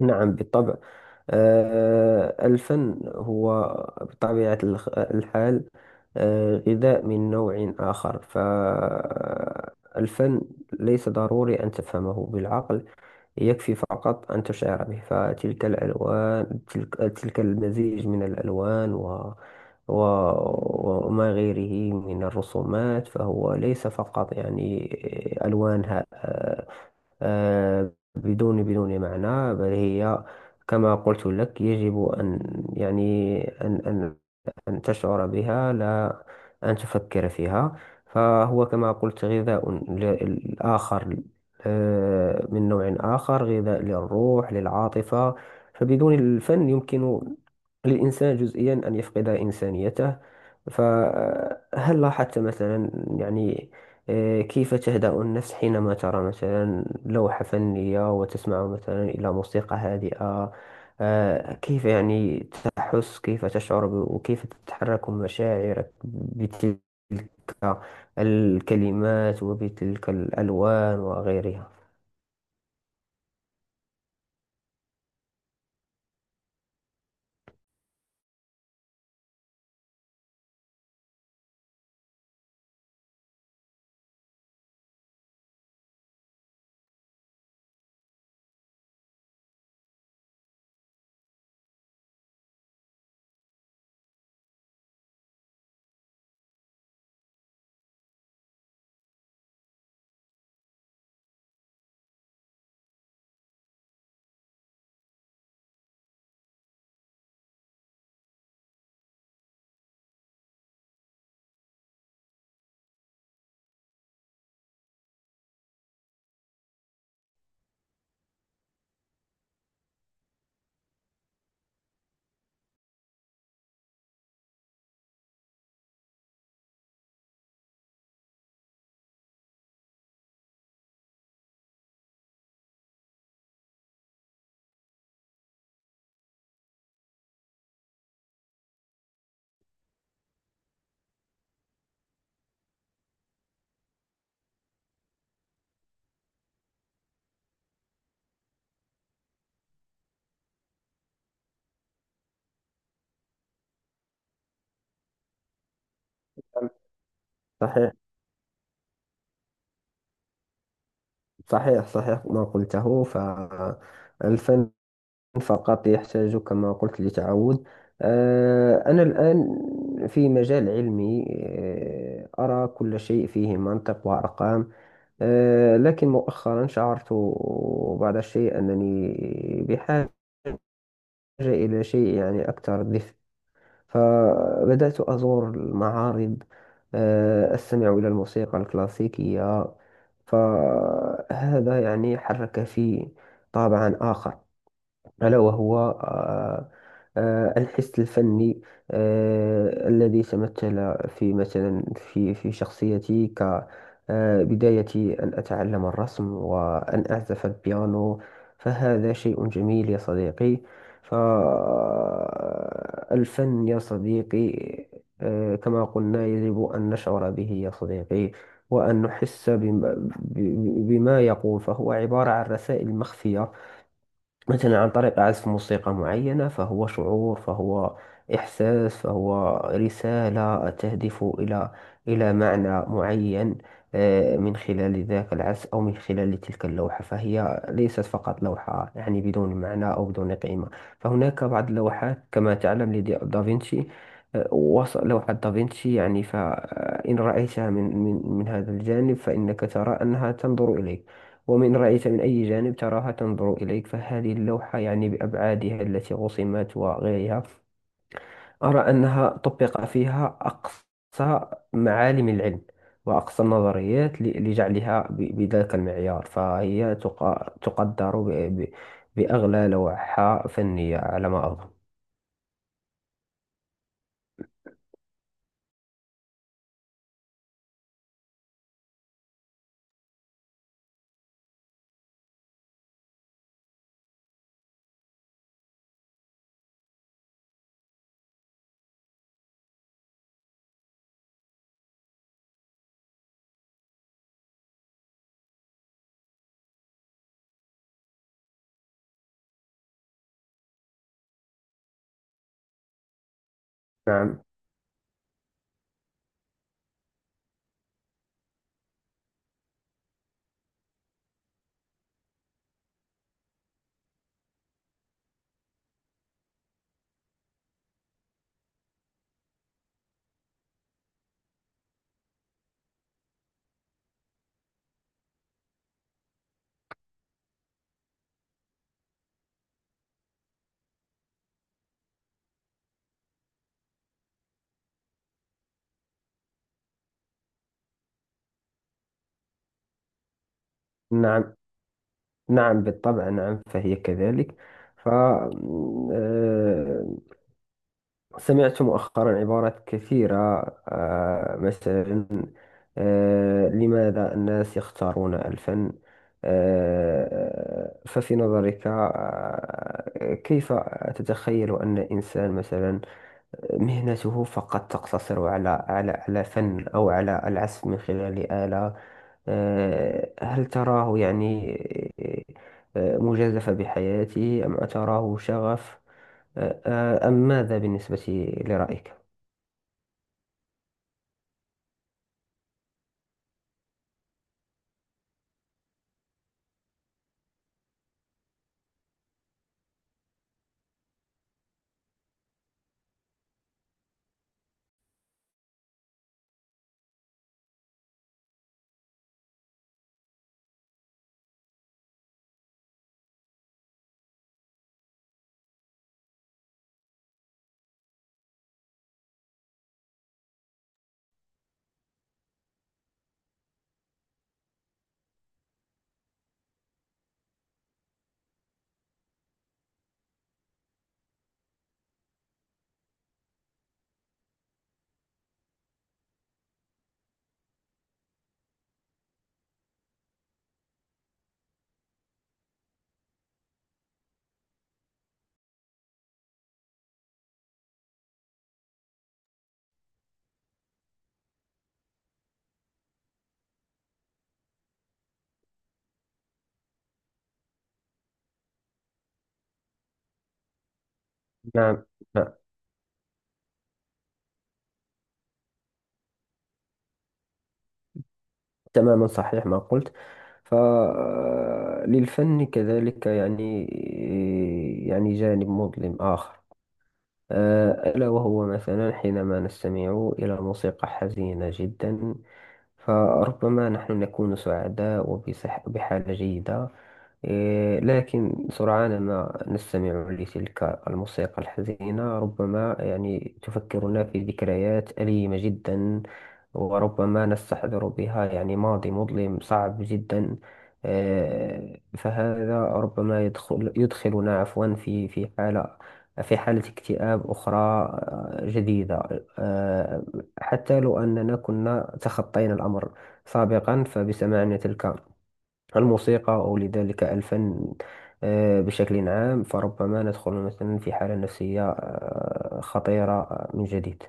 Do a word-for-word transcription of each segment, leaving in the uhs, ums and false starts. نعم بالطبع. آه، الفن هو بطبيعة الخ- الحال، آه، غذاء من نوع آخر. فالفن ليس ضروري أن تفهمه بالعقل، يكفي فقط أن تشعر به. فتلك الألوان، تلك, تلك المزيج من الألوان و و- وما غيره من الرسومات، فهو ليس فقط يعني ألوانها آه، آه، بدون بدون معنى، بل هي كما قلت لك يجب أن يعني أن أن أن تشعر بها، لا أن تفكر فيها. فهو كما قلت غذاء ل- آخر، آه، من نوع آخر، غذاء للروح، للعاطفة. فبدون الفن يمكن للإنسان جزئيا أن يفقد إنسانيته. فهل لاحظت مثلا يعني، آه، كيف تهدأ النفس حينما ترى مثلا لوحة فنية، وتسمع مثلا إلى موسيقى هادئة؟ آه، كيف يعني تحس، كيف تشعر ب- وكيف تتحرك مشاعرك بتلك الكلمات وبتلك الألوان وغيرها. صحيح. صحيح. صحيح ما قلته. فالفن فقط يحتاج كما قلت لتعود. آه، أنا الآن في مجال علمي، آه، أرى كل شيء فيه منطق وأرقام. آه، لكن مؤخرا شعرت بعض الشيء أنني بحاجة إلى شيء يعني أكثر دفء. فبدأت أزور المعارض، آه، أستمع إلى الموسيقى الكلاسيكية. فهذا يعني حرك في طابعا آخر، ألا وهو آه، آه، الحس الفني آه، الذي تمثل في مثلا في في شخصيتي، كبدايتي أن أتعلم الرسم وأن أعزف البيانو. فهذا شيء جميل يا صديقي. فالفن يا صديقي، آه، كما قلنا يجب أن نشعر به يا صديقي، وأن نحس بما, بما يقول. فهو عبارة عن رسائل مخفية، مثلا عن طريق عزف موسيقى معينة. فهو شعور، فهو إحساس، فهو رسالة تهدف إلى إلى معنى معين، آه، من خلال ذاك العزف أو من خلال تلك اللوحة. فهي ليست فقط لوحة يعني بدون معنى أو بدون قيمة. فهناك بعض اللوحات كما تعلم لدافنشي. وصل لوحة دافنشي يعني، فإن رأيتها من من من هذا الجانب فإنك ترى أنها تنظر إليك، ومن رأيت من أي جانب تراها تنظر إليك. فهذه اللوحة يعني بأبعادها التي رسمت وغيرها، أرى أنها طبق فيها أقصى معالم العلم وأقصى النظريات ل- لجعلها ب- بذاك المعيار. فهي تق- تقدر ب- ب- بأغلى لوحة فنية على ما أظن. نعم. نعم. نعم بالطبع، نعم، فهي كذلك. ف آه، سمعت مؤخرا عبارات كثيرة، آه، مثلا آه، لماذا الناس يختارون الفن؟ آه، ففي نظرك، آه، كيف تتخيل أن إنسان مثلا مهنته فقط تقتصر على على على فن أو على العزف من خلال آلة؟ آه، هل تراه يعني آه، مجازفة بحياته، أم تراه شغف؟ آه، أم ماذا بالنسبة لرأيك؟ نعم. نعم. تماما، صحيح ما قلت. فللفن كذلك يعني يعني جانب مظلم آخر، أه، ألا وهو مثلا حينما نستمع إلى موسيقى حزينة جدا. فربما نحن نكون سعداء وبصح بحالة جيدة، إيه، لكن سرعان ما نستمع لتلك الموسيقى الحزينة، ربما يعني تفكرنا في ذكريات أليمة جدا، وربما نستحضر بها يعني ماضي مظلم صعب جدا. آه، فهذا ربما يدخل يدخلنا عفوا في في حالة، في حالة اكتئاب أخرى آه، جديدة، آه، حتى لو أننا كنا تخطينا الأمر سابقا. فبسماعنا تلك الموسيقى أو لذلك الفن آه، بشكل عام، فربما ندخل مثلا في حالة نفسية آه، خطيرة آه، من جديد.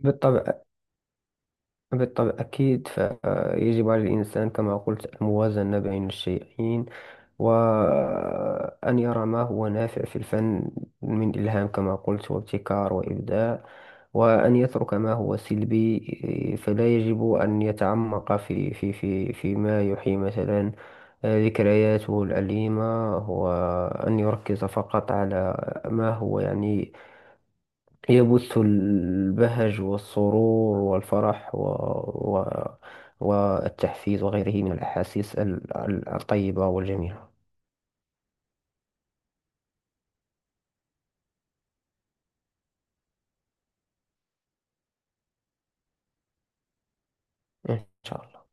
بالطبع. بالطبع، أكيد. فيجب على الإنسان كما قلت الموازنة بين الشيئين، وأن يرى ما هو نافع في الفن من إلهام كما قلت وابتكار وإبداع، وأن يترك ما هو سلبي. إيه، فلا يجب أن يتعمق في في في فيما يحيي مثلا آه، ذكرياته الأليمة، وأن يركز فقط على ما هو يعني يبث البهج والسرور والفرح و و والتحفيز وغيره من الأحاسيس ال- ال- الطيبة والجميلة. إن شاء الله.